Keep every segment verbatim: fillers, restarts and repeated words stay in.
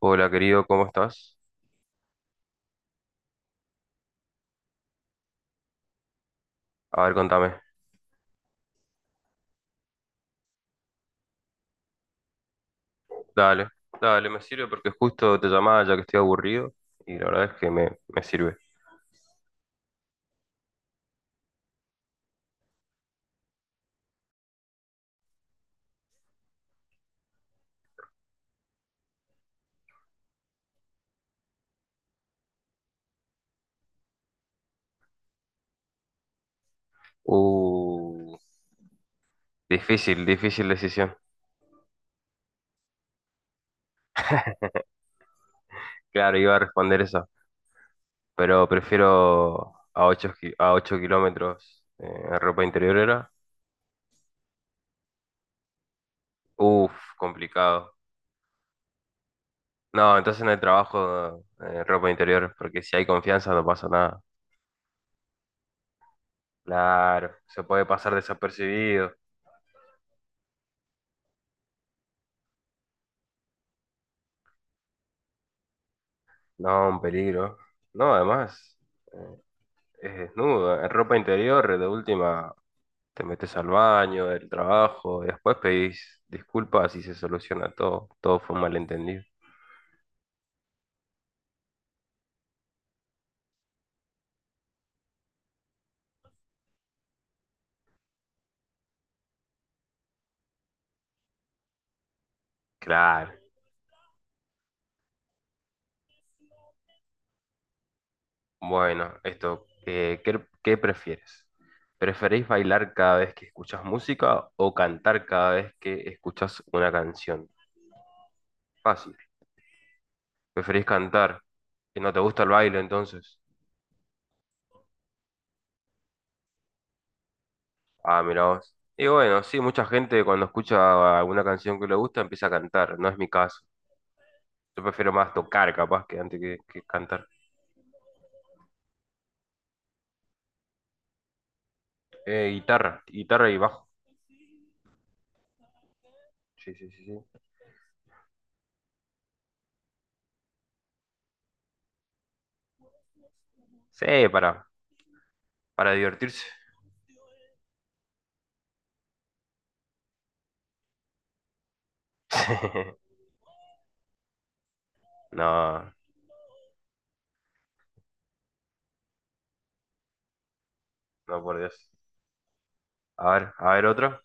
Hola querido, ¿cómo estás? A ver, contame. Dale, dale, me sirve porque justo te llamaba ya que estoy aburrido y la verdad es que me, me sirve. Uh, difícil, difícil decisión. Claro, iba a responder esa, pero prefiero a ocho a ocho kilómetros eh, en ropa interior era. Uf, complicado. No, entonces en el trabajo, eh, ropa interior, porque si hay confianza no pasa nada. Claro, se puede pasar desapercibido. No, un peligro. No, además, eh, es desnudo, en ropa interior. De última te metes al baño del trabajo, y después pedís disculpas y se soluciona todo. Todo fue un malentendido. Claro. Bueno, esto, eh, ¿qué, qué prefieres? ¿Preferís bailar cada vez que escuchas música o cantar cada vez que escuchas una canción? Fácil. ¿Preferís cantar? ¿Y no te gusta el baile entonces? Ah, mira vos. Y bueno, sí, mucha gente cuando escucha alguna canción que le gusta empieza a cantar. No es mi caso. Yo prefiero más tocar, capaz, que antes que, que cantar. Eh, guitarra, guitarra y bajo. Sí, sí, sí, sí. Sí, para, para divertirse. No, no, por Dios. A ver, a ver otra.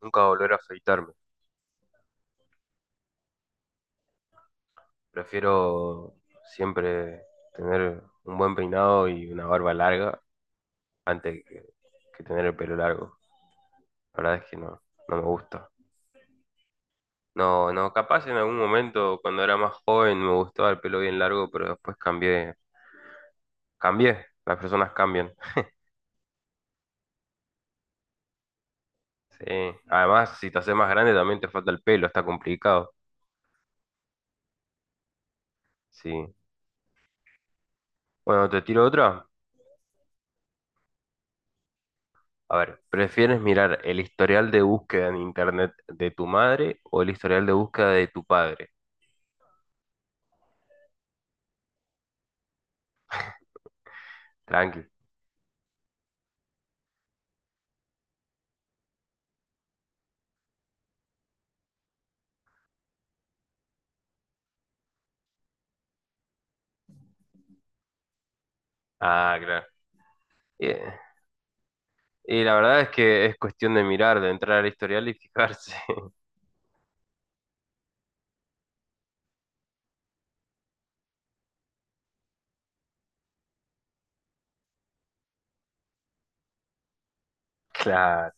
Nunca volver a afeitarme. Prefiero siempre tener un buen peinado y una barba larga antes que, que tener el pelo largo. La verdad es que no, no me gusta. No, no, capaz en algún momento cuando era más joven me gustaba el pelo bien largo, pero después cambié, cambié, las personas cambian. Sí, además, si te haces más grande también te falta el pelo, está complicado. Sí. Bueno, te tiro otra. A ver, ¿prefieres mirar el historial de búsqueda en internet de tu madre o el historial de búsqueda de tu padre? Tranqui. Ah, claro. Y, y la verdad es que es cuestión de mirar, de entrar al historial y fijarse. Claro,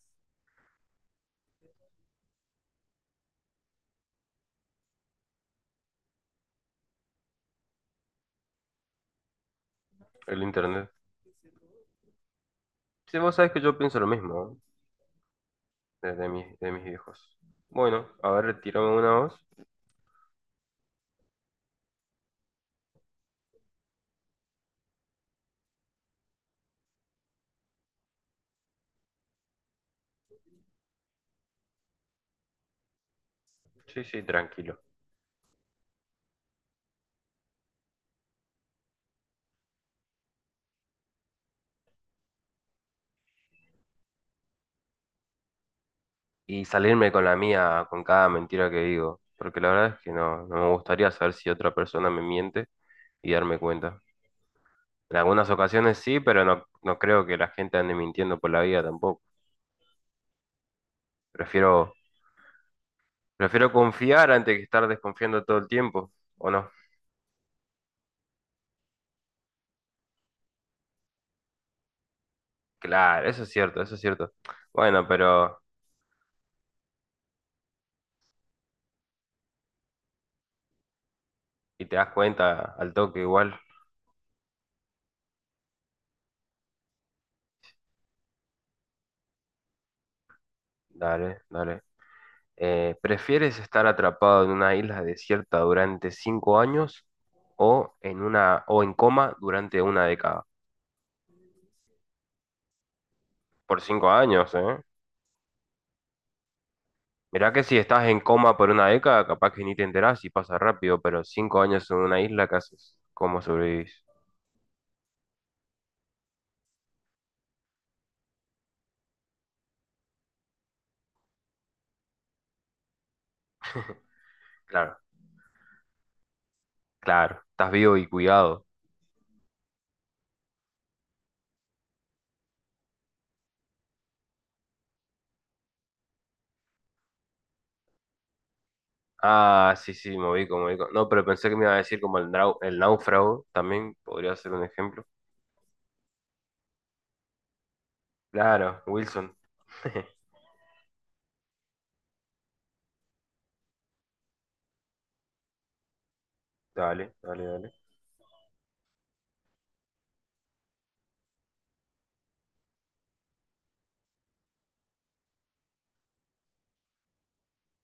el internet. Sí, vos sabés que yo pienso lo mismo, ¿no? De, de mis, de mis viejos. Bueno, a ver, tirame una voz. Sí, sí, tranquilo. Y salirme con la mía, con cada mentira que digo, porque la verdad es que no, no me gustaría saber si otra persona me miente y darme cuenta. En algunas ocasiones sí, pero no, no creo que la gente ande mintiendo por la vida tampoco. Prefiero, prefiero confiar antes que estar desconfiando todo el tiempo, ¿o no? Claro, eso es cierto, eso es cierto. Bueno, pero y te das cuenta al toque igual. Dale, dale. Eh, ¿prefieres estar atrapado en una isla desierta durante cinco años o en una o en coma durante una década? Por cinco años, ¿eh? Mirá que si estás en coma por una década, capaz que ni te enterás y pasa rápido, pero cinco años en una isla, ¿qué haces? ¿Cómo sobrevivís? Claro, claro, estás vivo y cuidado. Ah, sí, sí, me ubico, me ubico. No, pero pensé que me iba a decir como el, nau- el náufrago, también podría ser un ejemplo. Claro, Wilson. Dale, dale, dale.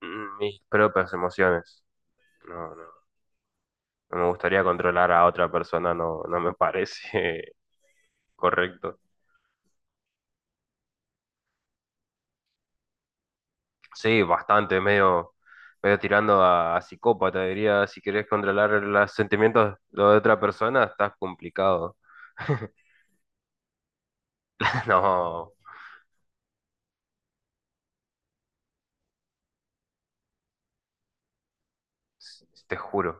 Mm, mis propias emociones. No, no, no me gustaría controlar a otra persona, no, no me parece correcto. Sí, bastante, medio, medio tirando a, a psicópata, diría, si querés controlar los sentimientos de otra persona, estás complicado. No, s- te juro,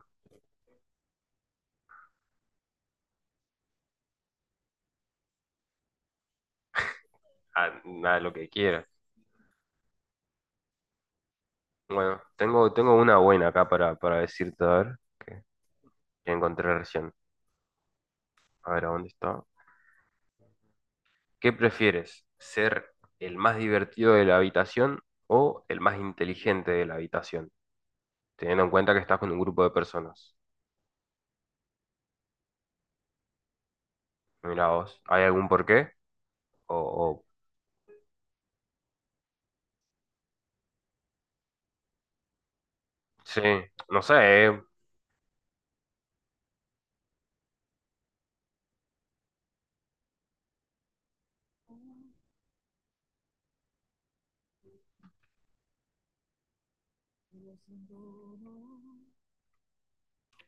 a, a lo que quieras. Bueno, tengo, tengo una buena acá para, para decirte, a ver, que que encontré recién. A ver, ¿a dónde está? ¿Qué prefieres? ¿Ser el más divertido de la habitación o el más inteligente de la habitación? Teniendo en cuenta que estás con un grupo de personas. Mira vos, ¿hay algún porqué? O, o- sí, no sé, eh,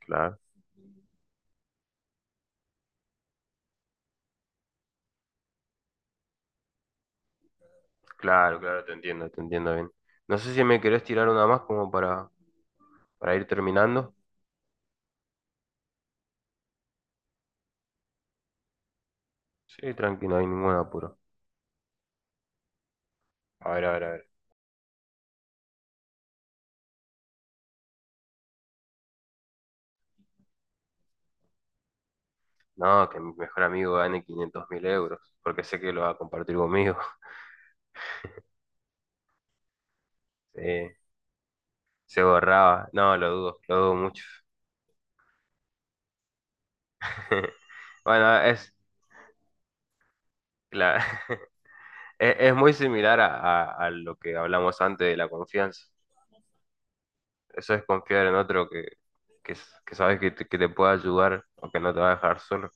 claro. Claro, claro, te entiendo, te entiendo bien. No sé si me querés tirar una más como para, para ir terminando. Sí, tranquilo, no hay ningún apuro. A ver, a ver, a ver. No, que mi mejor amigo gane quinientos mil euros, porque sé que lo va a compartir conmigo. Sí, se borraba. No, lo dudo, lo dudo mucho. Bueno, es claro. Es, es muy similar a, a- a lo que hablamos antes de la confianza. Eso es confiar en otro que, que, s- que sabes que te, que te puede ayudar o que no te va a dejar solo.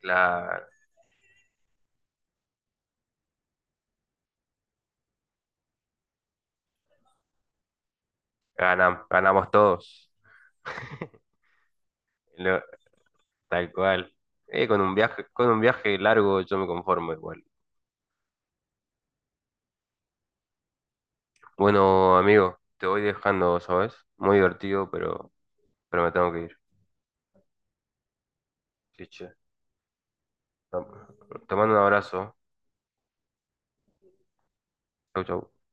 Claro, ganam- ganamos todos. Lo- tal cual. Eh, con un viaje, con un viaje largo yo me conformo igual. Bueno, amigo, te voy dejando, ¿sabes? Muy divertido, pero, pero me tengo que ir. Sí, che. Te mando un abrazo. Chau, chau.